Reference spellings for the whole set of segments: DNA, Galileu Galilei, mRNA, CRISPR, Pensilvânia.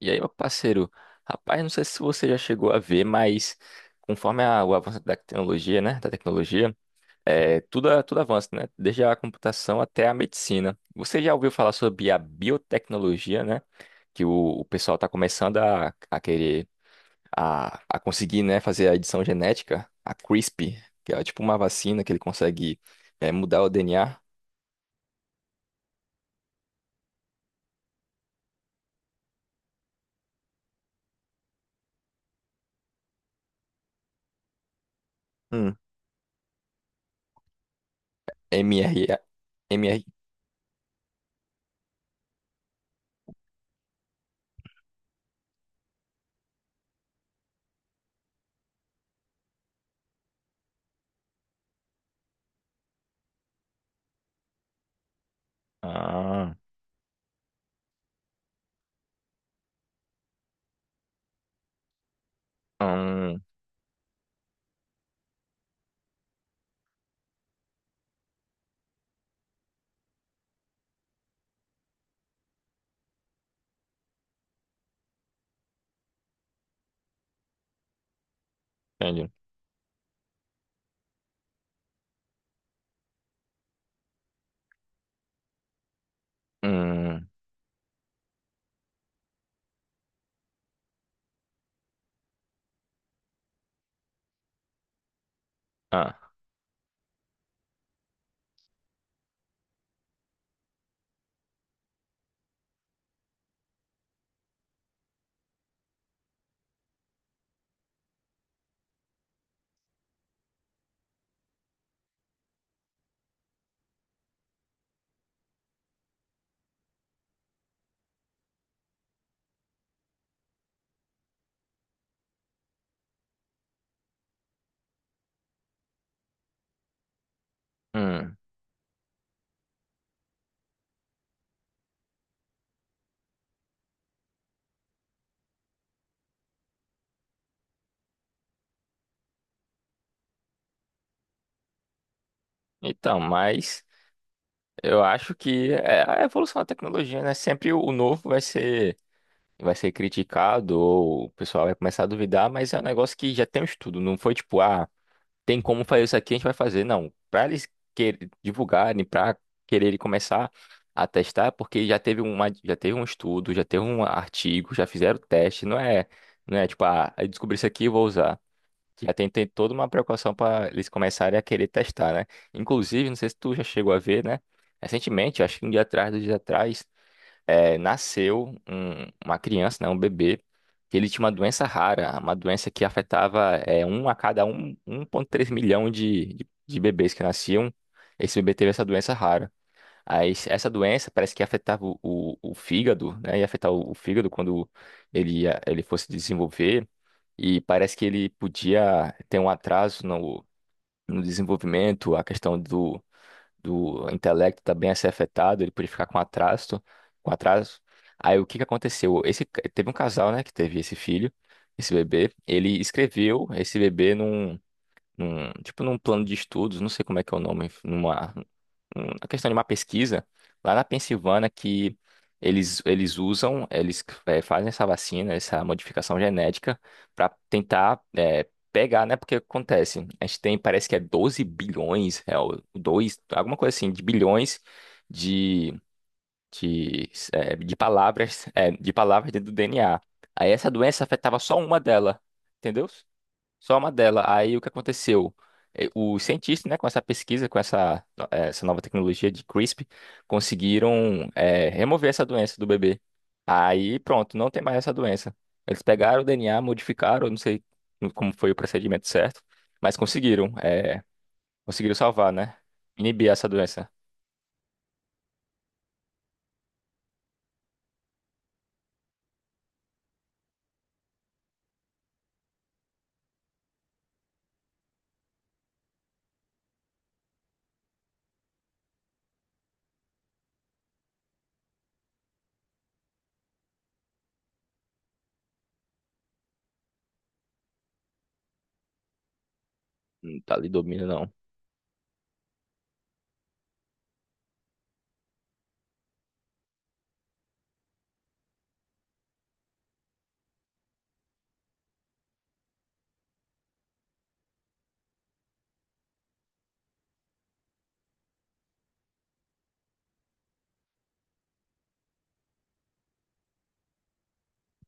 E aí, meu parceiro, rapaz, não sei se você já chegou a ver, mas conforme o avanço da tecnologia, né, tudo avança, né, desde a computação até a medicina. Você já ouviu falar sobre a biotecnologia, né, que o pessoal está começando a querer, a conseguir, né, fazer a edição genética, a CRISPR, que é tipo uma vacina que ele consegue, mudar o DNA. Hum. mRNA. mRNA. Ah. Hum. Entendi. Hum. Ah. Hum. Então, mas eu acho que é a evolução da tecnologia, né? Sempre o novo vai ser criticado, ou o pessoal vai começar a duvidar, mas é um negócio que já tem um estudo. Não foi tipo, ah, tem como fazer isso aqui, a gente vai fazer. Não, para eles divulgarem, para quererem começar a testar, é porque já teve um estudo, já teve um artigo, já fizeram teste. Não é não é tipo, ah, eu descobri isso aqui e vou usar. Já tem toda uma precaução para eles começarem a querer testar, né? Inclusive, não sei se tu já chegou a ver, né? Recentemente, acho que um dia atrás, 2 dias atrás, nasceu uma criança, né? Um bebê, que ele tinha uma doença rara, uma doença que afetava um a cada um, 1,3 milhão de, bebês que nasciam. Esse bebê teve essa doença rara. Essa doença parece que afetava o fígado, né? Ia afetar o fígado quando ele fosse desenvolver. E parece que ele podia ter um atraso no desenvolvimento, a questão do intelecto também a ser afetado; ele podia ficar com atraso. Aí o que que aconteceu? Teve um casal, né, que teve esse filho, esse bebê. Ele escreveu esse bebê num, tipo num plano de estudos, não sei como é que é o nome, a questão de uma pesquisa lá na Pensilvânia, que eles usam. Eles fazem essa vacina, essa modificação genética para tentar pegar, né? Porque acontece, a gente tem, parece que é 12 bilhões, o 2 alguma coisa assim, de bilhões de, de palavras, dentro do DNA. Aí essa doença afetava só uma dela, entendeu? Só uma dela. Aí o que aconteceu? Os cientistas, né, com essa pesquisa, com essa nova tecnologia de CRISPR, conseguiram, remover essa doença do bebê. Aí pronto, não tem mais essa doença. Eles pegaram o DNA, modificaram, não sei como foi o procedimento certo, mas conseguiram salvar, né? Inibir essa doença. Não, tá ali domínio, não.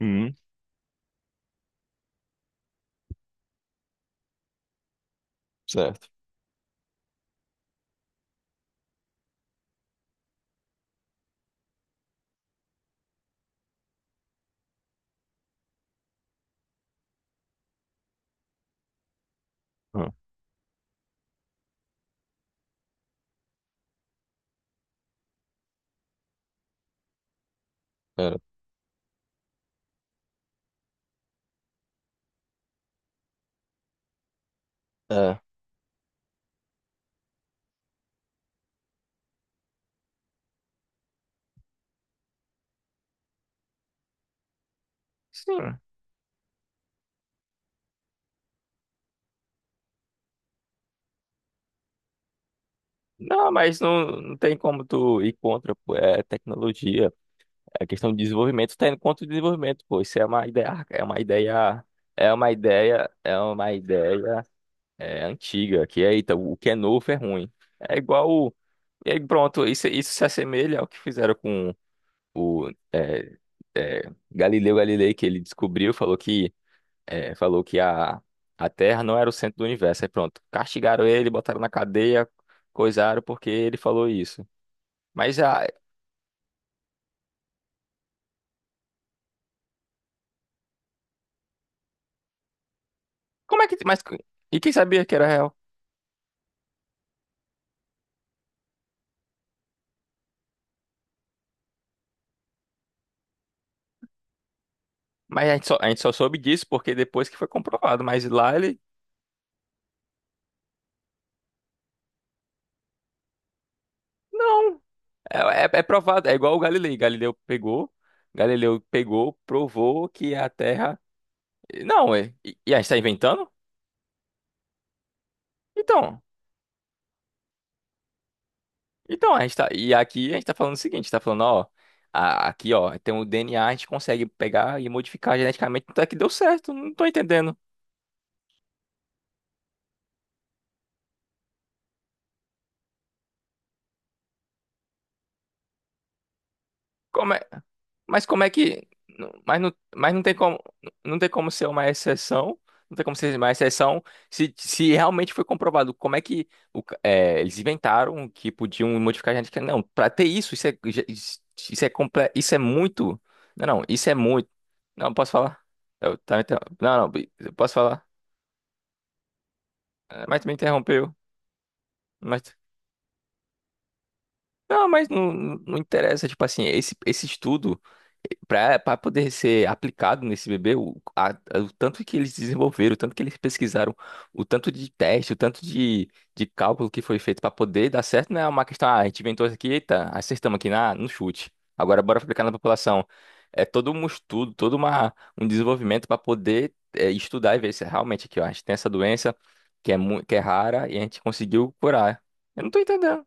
Hum. Certo. Hum. Era. É. Sim. Não, mas não tem como tu ir contra, pô, é tecnologia. É questão de desenvolvimento, tendo quanto de desenvolvimento, pô, isso é uma ideia antiga, que é, eita, o que é novo é ruim. É igual, e aí pronto, isso se assemelha ao que fizeram com o é, é, Galileu Galilei, que ele descobriu, falou que a Terra não era o centro do universo. Aí pronto, castigaram ele, botaram na cadeia, coisaram porque ele falou isso. Mas, a, como é que, mas, E quem sabia que era real? Mas a gente só soube disso porque depois que foi comprovado. Mas lá ele. Não, é provado. É igual o Galilei. Galileu pegou, provou que a Terra. Não, é. E a gente tá inventando? Então, a gente tá. E aqui a gente tá falando o seguinte: tá falando, ó, aqui, ó, tem o DNA, a gente consegue pegar e modificar geneticamente. Até que deu certo. Não tô entendendo. Como é. Mas como é que. Mas não, não tem como, ser uma exceção. Não tem como ser uma exceção se realmente foi comprovado. Como é que eles inventaram que podiam modificar a genética? Não, para ter isso é muito. Não, não, isso é muito. Não, posso falar? Tá, então, não, não, eu posso falar? É, mas tu me interrompeu. Mas, Não, mas não, não interessa, tipo assim, esse estudo, para poder ser aplicado nesse bebê, o tanto que eles desenvolveram, o tanto que eles pesquisaram, o tanto de teste, o tanto de cálculo que foi feito para poder dar certo. Não é uma questão, ah, a gente inventou isso aqui, eita, acertamos aqui no chute. Agora bora aplicar na população. É todo um estudo, todo um desenvolvimento para poder estudar e ver se é realmente aqui, ó, a gente tem essa doença que é rara e a gente conseguiu curar. Eu não tô entendendo.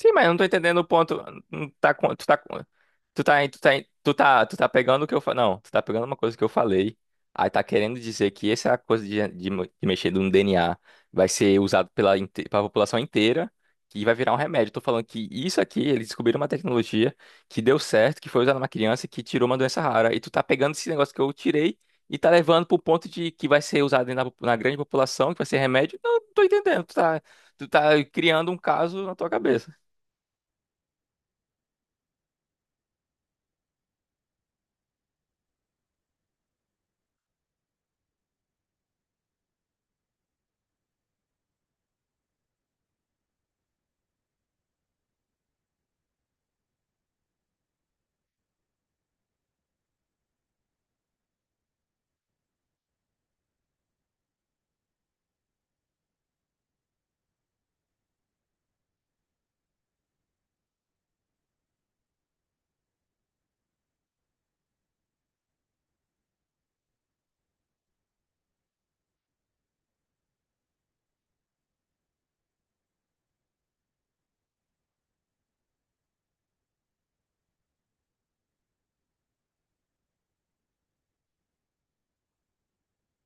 Sim, mas eu não tô entendendo o ponto. Não tá, com- tu tá, com- tu tá, Tu tá pegando o que eu falei. Não, tu tá pegando uma coisa que eu falei. Aí tá querendo dizer que essa coisa de, de mexer no DNA vai ser usado pela, pela população inteira e vai virar um remédio. Eu tô falando que isso aqui, eles descobriram uma tecnologia que deu certo, que foi usada numa criança, que tirou uma doença rara. E tu tá pegando esse negócio que eu tirei e tá levando pro ponto de que vai ser usado na grande população, que vai ser remédio. Não, não tô entendendo. Tu tá, criando um caso na tua cabeça.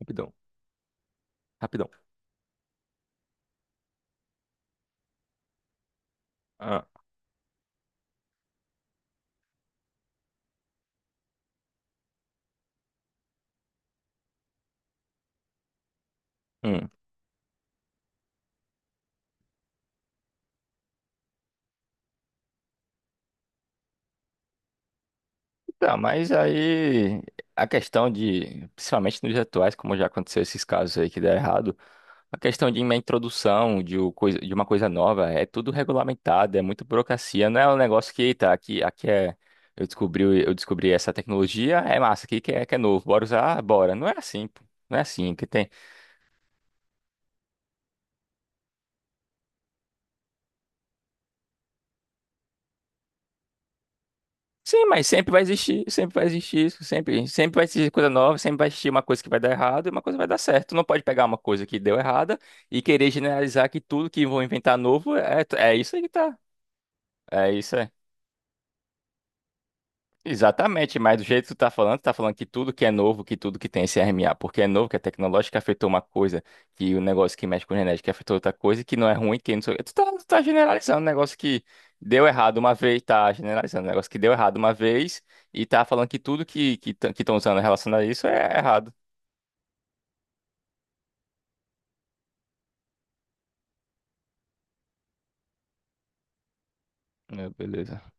Rapidão, rapidão. Ah. Hum. Tá, mas aí a questão de, principalmente nos dias atuais, como já aconteceu esses casos aí que deram errado, a questão de uma introdução de uma coisa nova é tudo regulamentado, é muito burocracia. Não é um negócio que, tá, aqui, eu descobri, essa tecnologia, é massa, aqui que é novo, bora usar, bora. Não é assim, pô, não é assim, que tem. Sim, mas sempre vai existir isso, sempre vai existir coisa nova, sempre vai existir uma coisa que vai dar errado e uma coisa que vai dar certo. Tu não pode pegar uma coisa que deu errada e querer generalizar que tudo que vão inventar novo é isso aí que tá. É isso aí. Exatamente, mas do jeito que tu tá falando, que tudo que é novo, que tudo que tem CRMA, porque é novo, que é tecnológico, que afetou uma coisa, que o negócio que mexe com genética afetou outra coisa, que não é ruim, que não sei o quê. Tu tá generalizando um negócio que deu errado uma vez, tá generalizando um negócio que deu errado uma vez, e tá falando que tudo que estão usando relacionado a isso é errado. É, beleza.